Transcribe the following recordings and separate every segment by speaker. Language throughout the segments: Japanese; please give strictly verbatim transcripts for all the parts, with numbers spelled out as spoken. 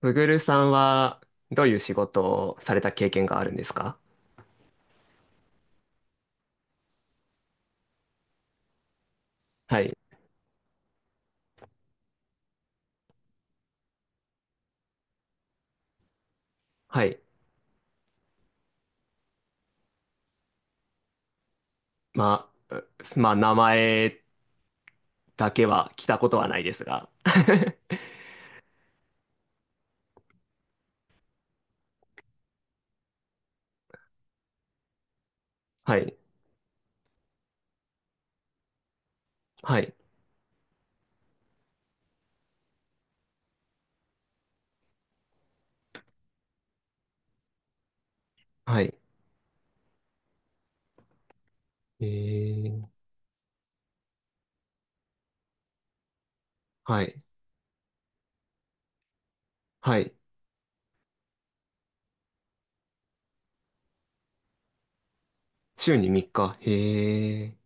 Speaker 1: ブグルさんは、どういう仕事をされた経験があるんですか？はい。はい。まあ、うまあ、名前だけは来たことはないですが。はい。はい。はい。えー、はい。はい。週にみっか。へえ。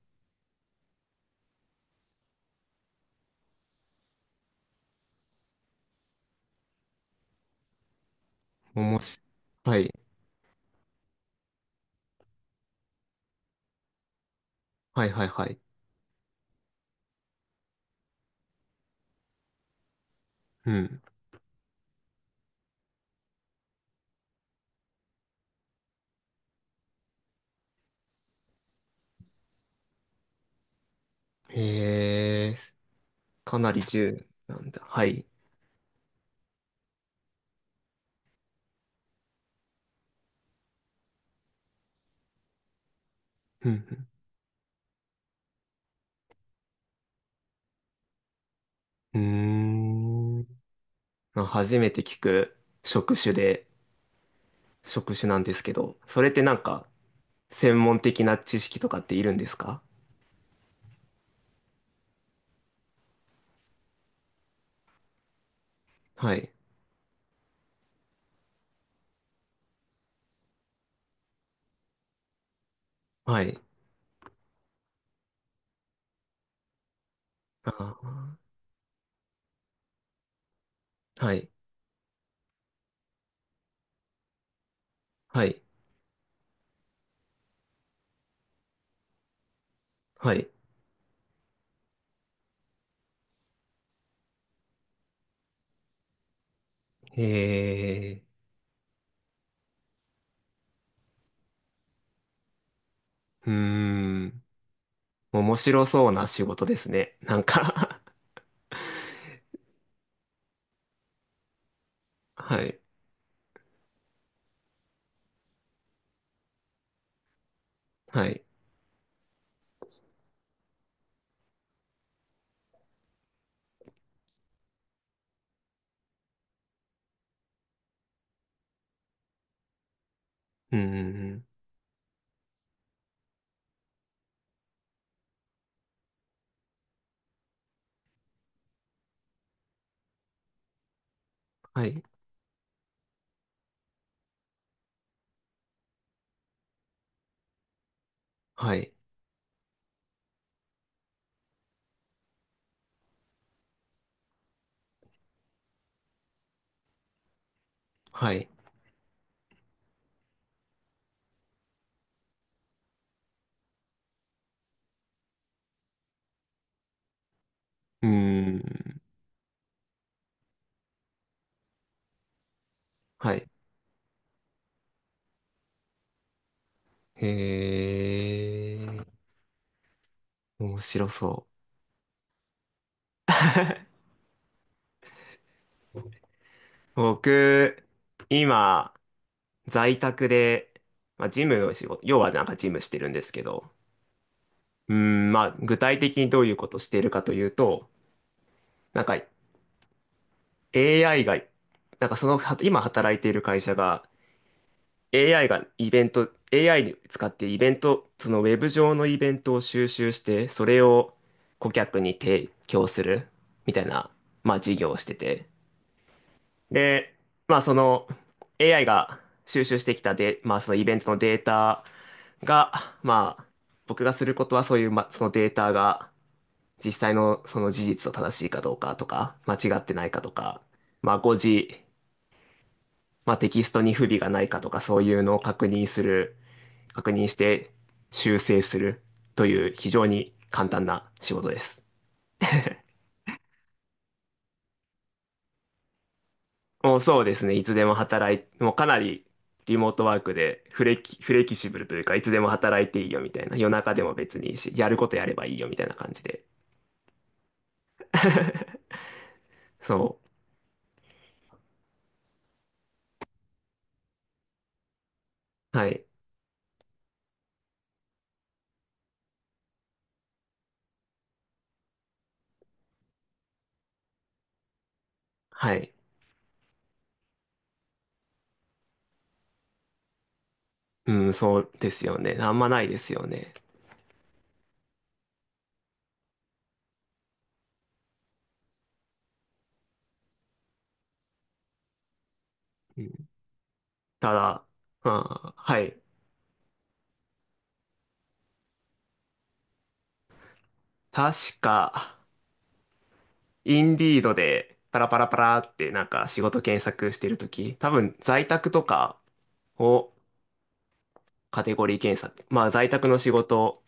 Speaker 1: おもし、はい。はい、はい、はい。うん。へえ。かなり重なんだ。はい。うん、うん。うーん。まあ初めて聞く職種で、職種なんですけど、それってなんか、専門的な知識とかっているんですか？はい。はい。あー、はい。はい。はい。えー。うーん。面白そうな仕事ですね。なんか。 はい。はい。うーん。はい。はい。はい。うーん。はい。へー。面白そう。僕、今、在宅で、まあ、ジムの仕事、要はなんかジムしてるんですけど、うーん、まあ、具体的にどういうことをしているかというと、なんか エーアイ が、なんかその、は今働いている会社が エーアイ がイベント、エーアイ に使ってイベント、そのウェブ上のイベントを収集して、それを顧客に提供するみたいな、まあ事業をしてて。で、まあその エーアイ が収集してきたで、まあそのイベントのデータが、まあ僕がすることはそういう、まあそのデータが、実際のその事実と正しいかどうかとか、間違ってないかとか、まあ誤字、まあテキストに不備がないかとか、そういうのを確認する、確認して修正するという非常に簡単な仕事です。もうそうですね、いつでも働い、もうかなりリモートワークでフレキ、フレキシブルというか、いつでも働いていいよみたいな、夜中でも別にいいし、やることやればいいよみたいな感じで。そう。はい。はい。うん、そうですよね。あんまないですよね。ただ、うん、はい。確か、インディードでパラパラパラってなんか仕事検索してるとき、多分在宅とかをカテゴリー検索、まあ在宅の仕事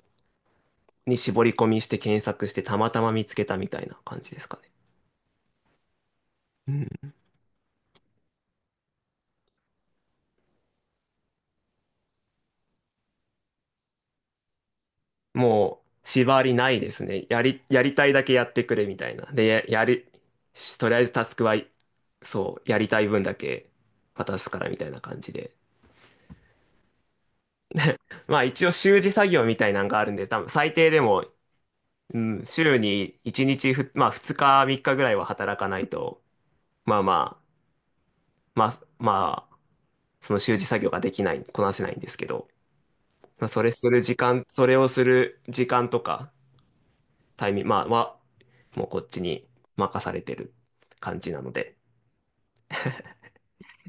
Speaker 1: に絞り込みして検索してたまたま見つけたみたいな感じですかね。うん、もう縛りないですね。やり、やりたいだけやってくれみたいな。で、や、やり、しとりあえずタスクは、そう、やりたい分だけ渡すからみたいな感じで。まあ一応習字作業みたいなんがあるんで、多分最低でも、うん、週に1日ふ、まあふつかみっかぐらいは働かないと、まあまあ、まあ、まあ、その習字作業ができない、こなせないんですけど、まあそれする時間、それをする時間とか、タイミング、まあは、もうこっちに任されてる感じなので、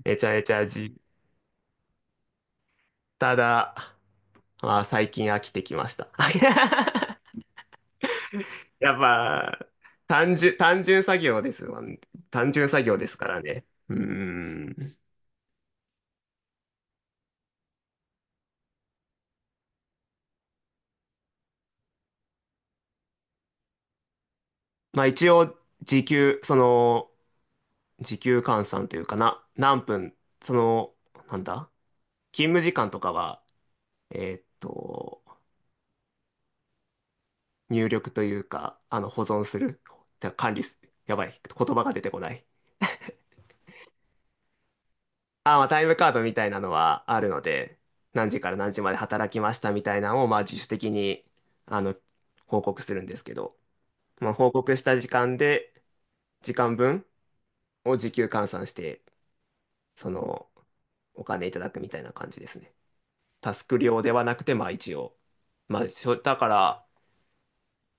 Speaker 1: めちゃめちゃじ、ただ、まあ最近飽きてきました。やっぱ、単純、単純作業ですわ。単純作業ですからね。うーん。まあ一応、時給、その、時給換算というかな、何分、その、なんだ、勤務時間とかは、えーっと、入力というか、あの、保存する、てか管理す、やばい、言葉が出てこない。あ、まあタイムカードみたいなのはあるので、何時から何時まで働きましたみたいなのを、まあ自主的に、あの、報告するんですけど、まあ、報告した時間で、時間分を時給換算して、その、お金いただくみたいな感じですね。タスク料ではなくて、まあ一応。まあ、しょだから、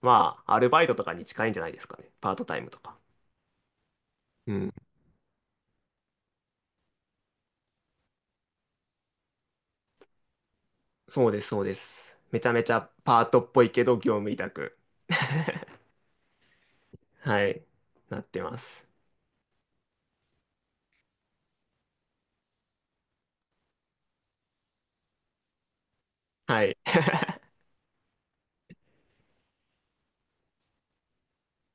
Speaker 1: まあ、アルバイトとかに近いんじゃないですかね。パートタイムとか。うん。そうです、そうです。めちゃめちゃパートっぽいけど、業務委託。はい。なってます。はい。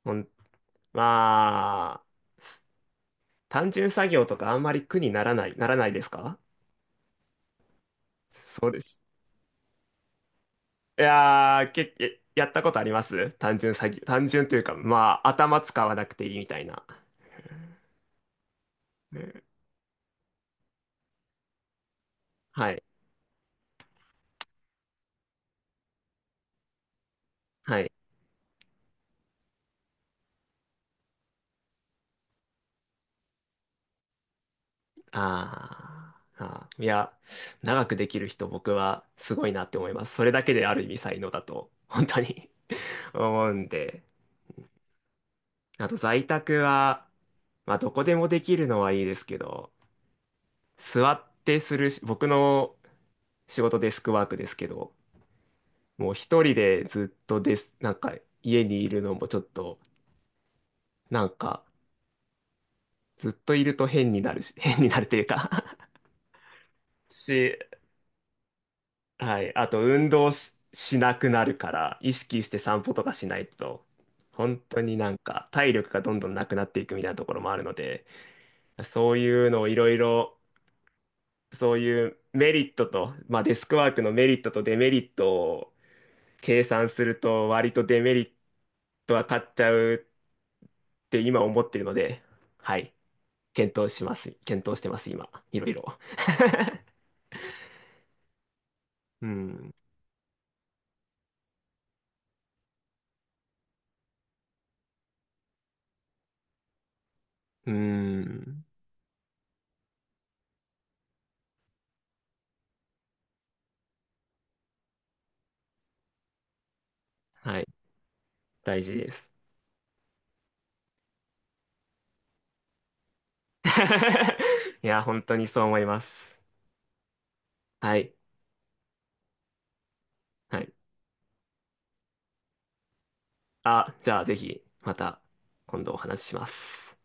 Speaker 1: ほん、まあ、単純作業とかあんまり苦にならない、ならないですか？そうです。いやー、け、えやったことあります単純詐欺。単純というか、まあ、頭使わなくていいみたいな。うん、はい。はい。あーあー。いや、長くできる人、僕はすごいなって思います。それだけである意味才能だと、本当に 思うんで。あと、在宅は、まあ、どこでもできるのはいいですけど、座ってするし、僕の仕事デスクワークですけど、もう一人でずっとです、なんか家にいるのもちょっとなんか、ずっといると変になるし、変になるというか し、はい。あと、運動し、しなくなるから、意識して散歩とかしないと、本当になんか、体力がどんどんなくなっていくみたいなところもあるので、そういうのをいろいろ、そういうメリットと、まあ、デスクワークのメリットとデメリットを計算すると割とデメリットは勝っちゃうって今思ってるので、はい。検討します。検討してます、今。いろいろ。うん。うん。はい。大事です。いや、本当にそう思います。はい。はい。あ、じゃあぜひ、また今度お話しします。